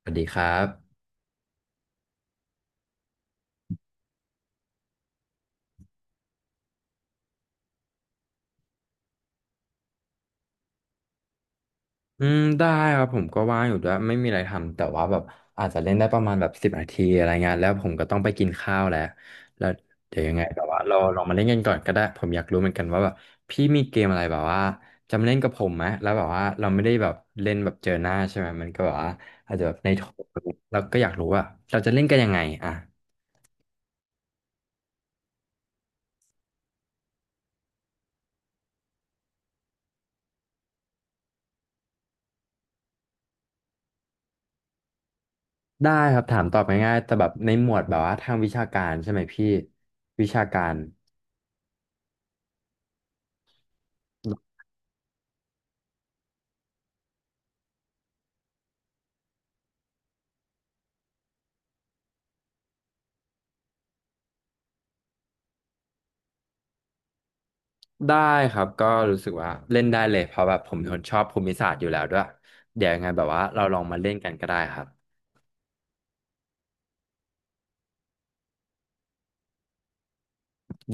สวัสดีครับอืมได้ครับผมก็ว่างอยู่ด้วยไม่มีอะไรทำแต่ว่าแบบอาจจะเล่นได้ประมาณแบบ10 นาทีอะไรเงี้ยแล้วผมก็ต้องไปกินข้าวแล้วแล้วเดี๋ยวยังไงแบบว่าเราลองมาเล่นกันก่อนก็ได้ผมอยากรู้เหมือนกันว่าแบบพี่มีเกมอะไรแบบว่าจะมาเล่นกับผมไหมแล้วแบบว่าเราไม่ได้แบบเล่นแบบเจอหน้าใช่ไหมมันก็แบบว่าอาจจะแบบในโทรแล้วก็อยากรู้ว่าเราจะเล่นกันยังไงอ่ะได้ครับถามตอบง่ายๆแต่แบบในหมวดแบบว่าทางวิชาการใช่ไหมพี่วิชาการ ได้ครับก็รู้สึกว่าเล่นได้เลยเพราะแบบผมเป็นคนชอบภูมิศาสตร์อยู่แล้วด้วยเดี๋ยวยังไงแบบว่าเราลองมาเล่นกันก็ได้ครับ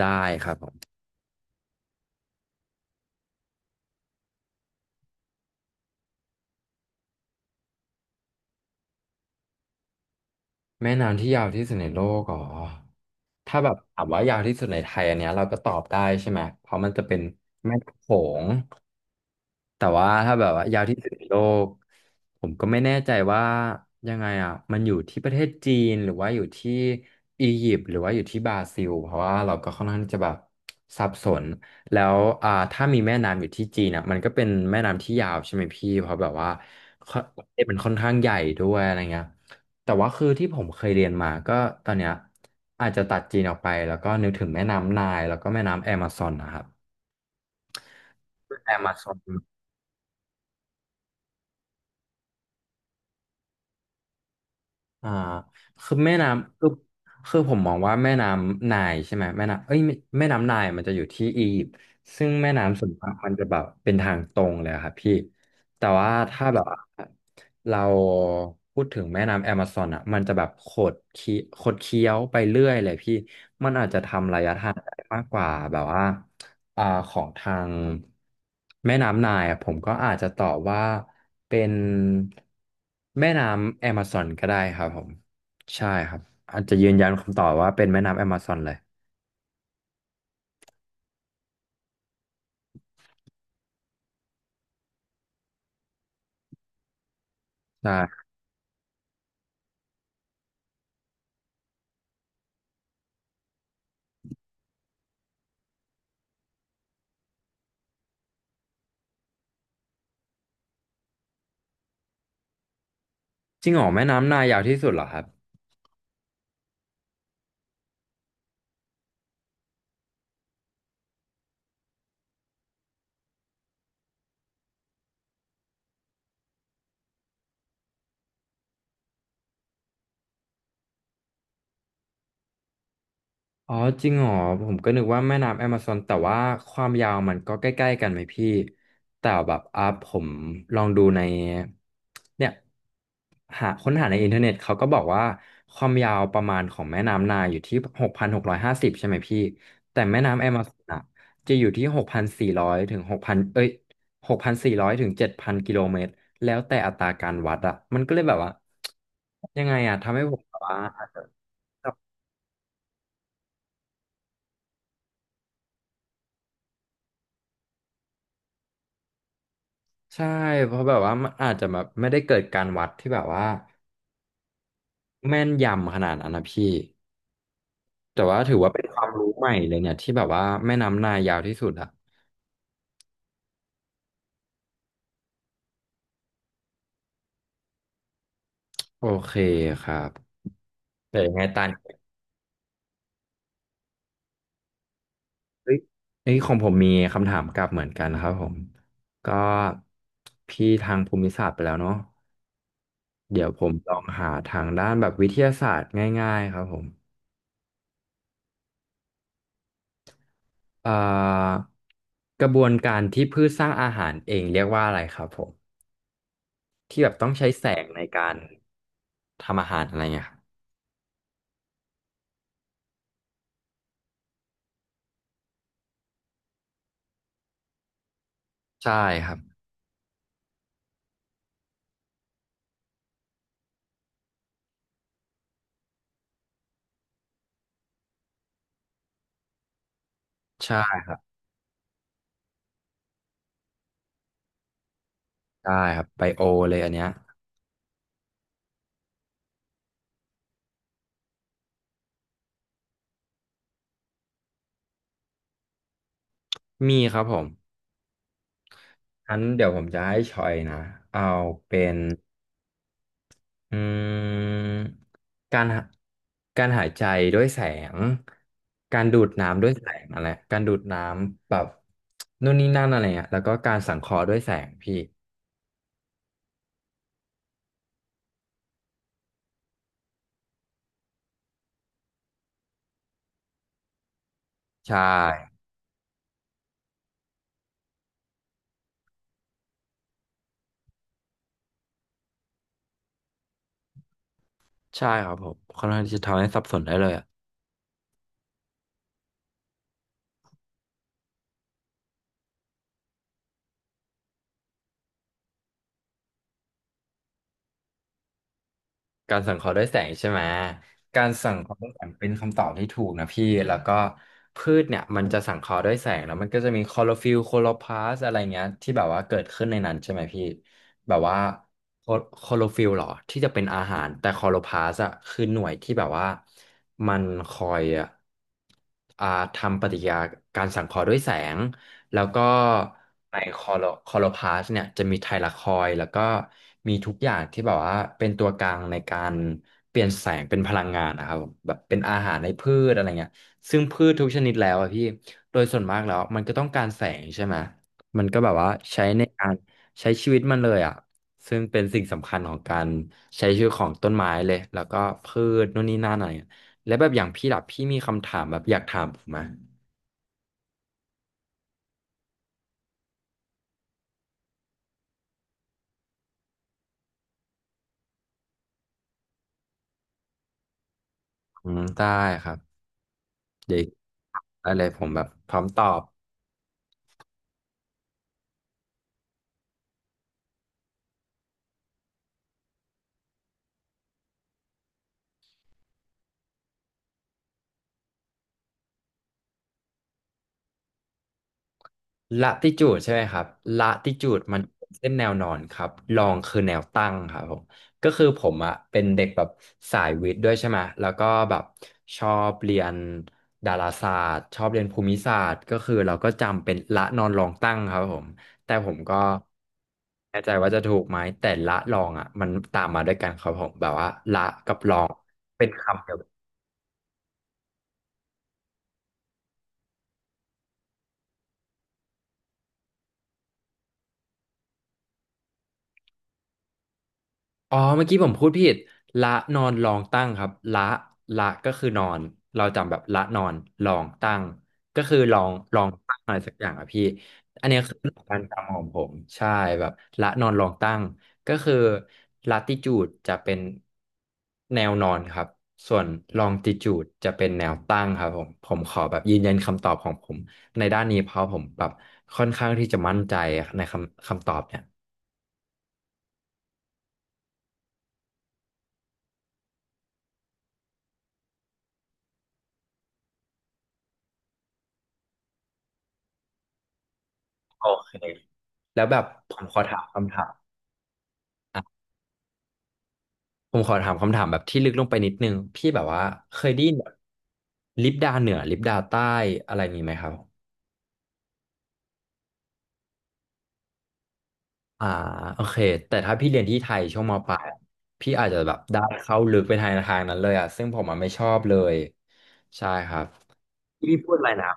ได้ครับผมแม่น้ำที่ยาวที่สุดในโลกอ๋อถ้าแบบถามว่ายาวที่สุดในไทยอันเนี้ยเราก็ตอบได้ใช่ไหมเพราะมันจะเป็นแม่น้ำโขง แต่ว่าถ้าแบบว่ายาวที่สุดในโลกผมก็ไม่แน่ใจว่ายังไงอ่ะมันอยู่ที่ประเทศจีนหรือว่าอยู่ที่อียิปต์หรือว่าอยู่ที่บราซิลเพราะว่าเราก็ค่อนข้างที่จะแบบสับสนแล้วถ้ามีแม่น้ำอยู่ที่จีนอ่ะมันก็เป็นแม่น้ำที่ยาวใช่ไหมพี่เพราะแบบว่าค่อนประเทศมันค่อนข้างใหญ่ด้วยอะไรเงี้ยแต่ว่าคือที่ผมเคยเรียนมาก็ตอนเนี้ยอาจจะตัดจีนออกไปแล้วก็นึกถึงแม่น้ำไนล์แล้วก็แม่น้ำแอมะซอนนะครับแอมะซอน อ่าคือแม่น้ำคือผมมองว่าแม่น้ำไนล์ใช่ไหมแม่น้ำเอ้ยไม่แม่น้ำไนล์มันจะอยู่ที่อียิปต์ซึ่งแม่น้ำส่วนมากมันจะแบบเป็นทางตรงเลยอะครับพี่แต่ว่าถ้าแบบว่าเราพูดถึงแม่น้ำแอมะซอนอ่ะมันจะแบบขดเคี้ยวไปเรื่อยเลยพี่ ทานได้มากกว่าแบบว่าของทางแม่น้ำไนายอะผมก็อาจจะตอบว่าเป็นแม่น้ำแอมะซอนก็ได้ครับผมใช่ครับอาจจะยืนยันคำตอบว่าเป็นแม่น้ำแอมะซอนเลยใช่จริงเหรอแม่น้ำไนายยาวที่สุดเหรอครับ อ๋อจริงเหรอผมก็นึกว่าแม่น้ำแอมะซอนแต่ว่าความยาวมันก็ใกล้ๆกันไหมพี่แต่แบบอ่ะผมลองดูในเนี่ยหาค้นหาในอินเทอร์เน็ตเขาก็บอกว่าความยาวประมาณของแม่น้ำไนาอยู่ที่6,650ใช่ไหมพี่แต่แม่น้ำแอมะซอนอ่ะจะอยู่ที่หกพันสี่ร้อยถึงหกพันเอ้ยหกพันสี่ร้อยถึง7,000 กิโลเมตรแล้วแต่อัตราการวัดอ่ะมันก็เลยแบบว่ายังไงอ่ะทำให้ผมแบบว่า ใช่เพราะแบบว่ามันอาจจะแบบไม่ได้เกิดการวัดที่แบบว่าแม่นยำขนาดนั้นนะพี่แต่ว่าถือว่าเป็นความรู้ใหม่เลยเนี่ยที่แบบว่าแม่น้ำนายยาวที่สุดอะโอเคครับแต่ยังไงตานเฮ้ยเอ้ยของผมมีคำถามกลับเหมือนกันครับผมก็พี่ทางภูมิศาสตร์ไปแล้วเนาะเดี๋ยวผมลองหาทางด้านแบบวิทยาศาสตร์ง่ายๆครับผมเอ่อกระบวนการที่พืชสร้างอาหารเองเรียกว่าอะไรครับผม ที่แบบต้องใช้แสงในการทำอาหารอะไรเงี้ยครับใช่ครับใช่ใช่ครับไบโอเลยอันเนี้ยมีครับผมงั้นเดี๋ยวผมจะให้ชอยนะเอาเป็นอืมการหาการหายใจด้วยแสงการดูดน้ำด้วยแสงอะไรการดูดน้ำแบบนู่นนี่นั่นอะไรเงี้ยแล้วก็การสังเคราะห์ด้วยแสงพี่ใช่ใช่ครับผมค่อนข้างที่จะทำให้สับสนได้เลยอะ การสังเคราะห์ด้วยแสงใช่ไหม การสังเคราะห์ด้วยแสงเป็นคำตอบที่ถูกนะพี่แล้วก็พืชเนี่ยมันจะสังเคราะห์ด้วยแสงแล้วมันก็จะมีคลอโรฟิลล์โคลอพลาสต์อะไรเงี้ยที่แบบว่าเกิดขึ้นในนั้นใช่ไหมพี่แบบว่าโคโคลอฟิลล์หรอที่จะเป็นอาหารแต่คลอโรพลาสต์อะคือหน่วยที่แบบว่ามันคอยอะอ่าทำปฏิกิริยาการสังเคราะห์ด้วยแสง แล้วก็ในคอโลคอโลพาสเนี่ยจะมีไทลาคอยด์แล้วก็มีทุกอย่างที่แบบว่าเป็นตัวกลางในการเปลี่ยนแสงเป็นพลังงานนะครับผมแบบเป็นอาหารในพืชอะไรเงี้ยซึ่งพืชทุกชนิดแล้วอะพี่โดยส่วนมากแล้วมันก็ต้องการแสงใช่ไหมมันก็แบบว่าใช้ในการใช้ชีวิตมันเลยอ่ะซึ่งเป็นสิ่งสำคัญของการใช้ชีวิตของต้นไม้เลยแล้วก็พืชนู่นนี่นั่นอะไรเงี้ยแล้วแบบอย่างพี่ล่ะพี่มีคำถามแบบอยากถามผมไหมอืมได้ครับ เดี๋ยวได้เลยผมแบบพร้อมตอบละติจูดใช่ไหมครับละติจูดมันเป็นเส้นแนวนอนครับลองคือแนวตั้งครับผมก็คือผมอะเป็นเด็กแบบสายวิทย์ด้วยใช่ไหมแล้วก็แบบชอบเรียนดาราศาสตร์ชอบเรียนภูมิศาสตร์ก็คือเราก็จำเป็นละนอนลองตั้งครับผมแต่ผมก็ไม่แน่ใจว่าจะถูกไหมแต่ละลองอ่ะมันตามมาด้วยกันครับผมแบบว่าละกับลองเป็นคำ อ๋อเมื่อกี้ผมพูดผิดละนอนลองตั้งครับละละก็คือนอนเราจำแบบละนอนลองตั้งก็คือลองลองตั้งอะไรสักอย่างอะพี่อันเนี้ยคือหลักการจำของผมใช่แบบละนอนลองตั้งก็คือลาติจูดจะเป็นแนวนอนครับส่วนลองติจูดจะเป็นแนวตั้งครับผมผมขอแบบยืนยันคำตอบของผมในด้านนี้เพราะผมแบบค่อนข้างที่จะมั่นใจในคำตอบเนี่ยโอเคแล้วแบบผมขอถามคำถาม อ่ะผมขอถามคำถามแบบที่ลึกลงไปนิดนึงพี่แบบว่าเคยได้ยินแบบลิปดาเหนือลิปดาใต้อะไรนี้ไหมครับอ่าโอเคแต่ถ้าพี่เรียนที่ไทยช่วงมปลายอะพี่อาจจะแบบได้เข้าลึกไปทางนั้นเลยอ่ะซึ่งผมอ่ะไม่ชอบเลยใช่ครับพี่พูดอะไรนะ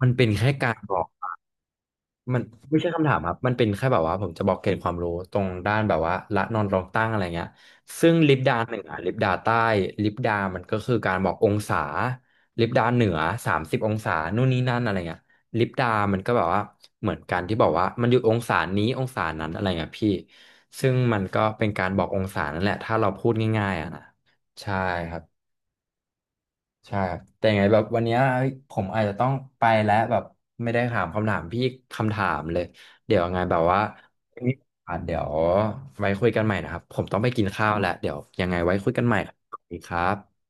มันเป็นแค่การบอก มันไม่ใช่คำถามครับมันเป็นแค่แบบว่าผมจะบอกเกณฑ์ความรู้ตรงด้านแบบว่าละนอนรองตั้งอะไรเงี้ยซึ่งลิปดาหนึ่งอ่ะลิปดาใต้ลิปดามันก็คือการบอกองศาลิปดาเหนือ30 องศานู่นนี่นั่นอะไรเงี้ยลิปดามันก็แบบว่าเหมือนกันที่บอกว่ามันอยู่องศานี้องศานั้นอะไรเงี้ยพี่ซึ่งมันก็เป็นการบอกองศานั่นแหละถ้าเราพูดง่ายๆอ่ะนะใช่ครับ ใช่ครับแต่ยังไงแบบวันเนี้ยเฮ้ยผมอาจจะต้องไปแล้วแบบไม่ได้ถามคำถามพี่คำถามเลยเดี๋ยวยังไงแบบว่าอ่ะเดี๋ยวไว้คุยกันใหม่นะครับผมต้องไปกินข้าวแล้วเดี๋ยวยังไงไว้คุยกันใหม่ครับสวัสดีครับ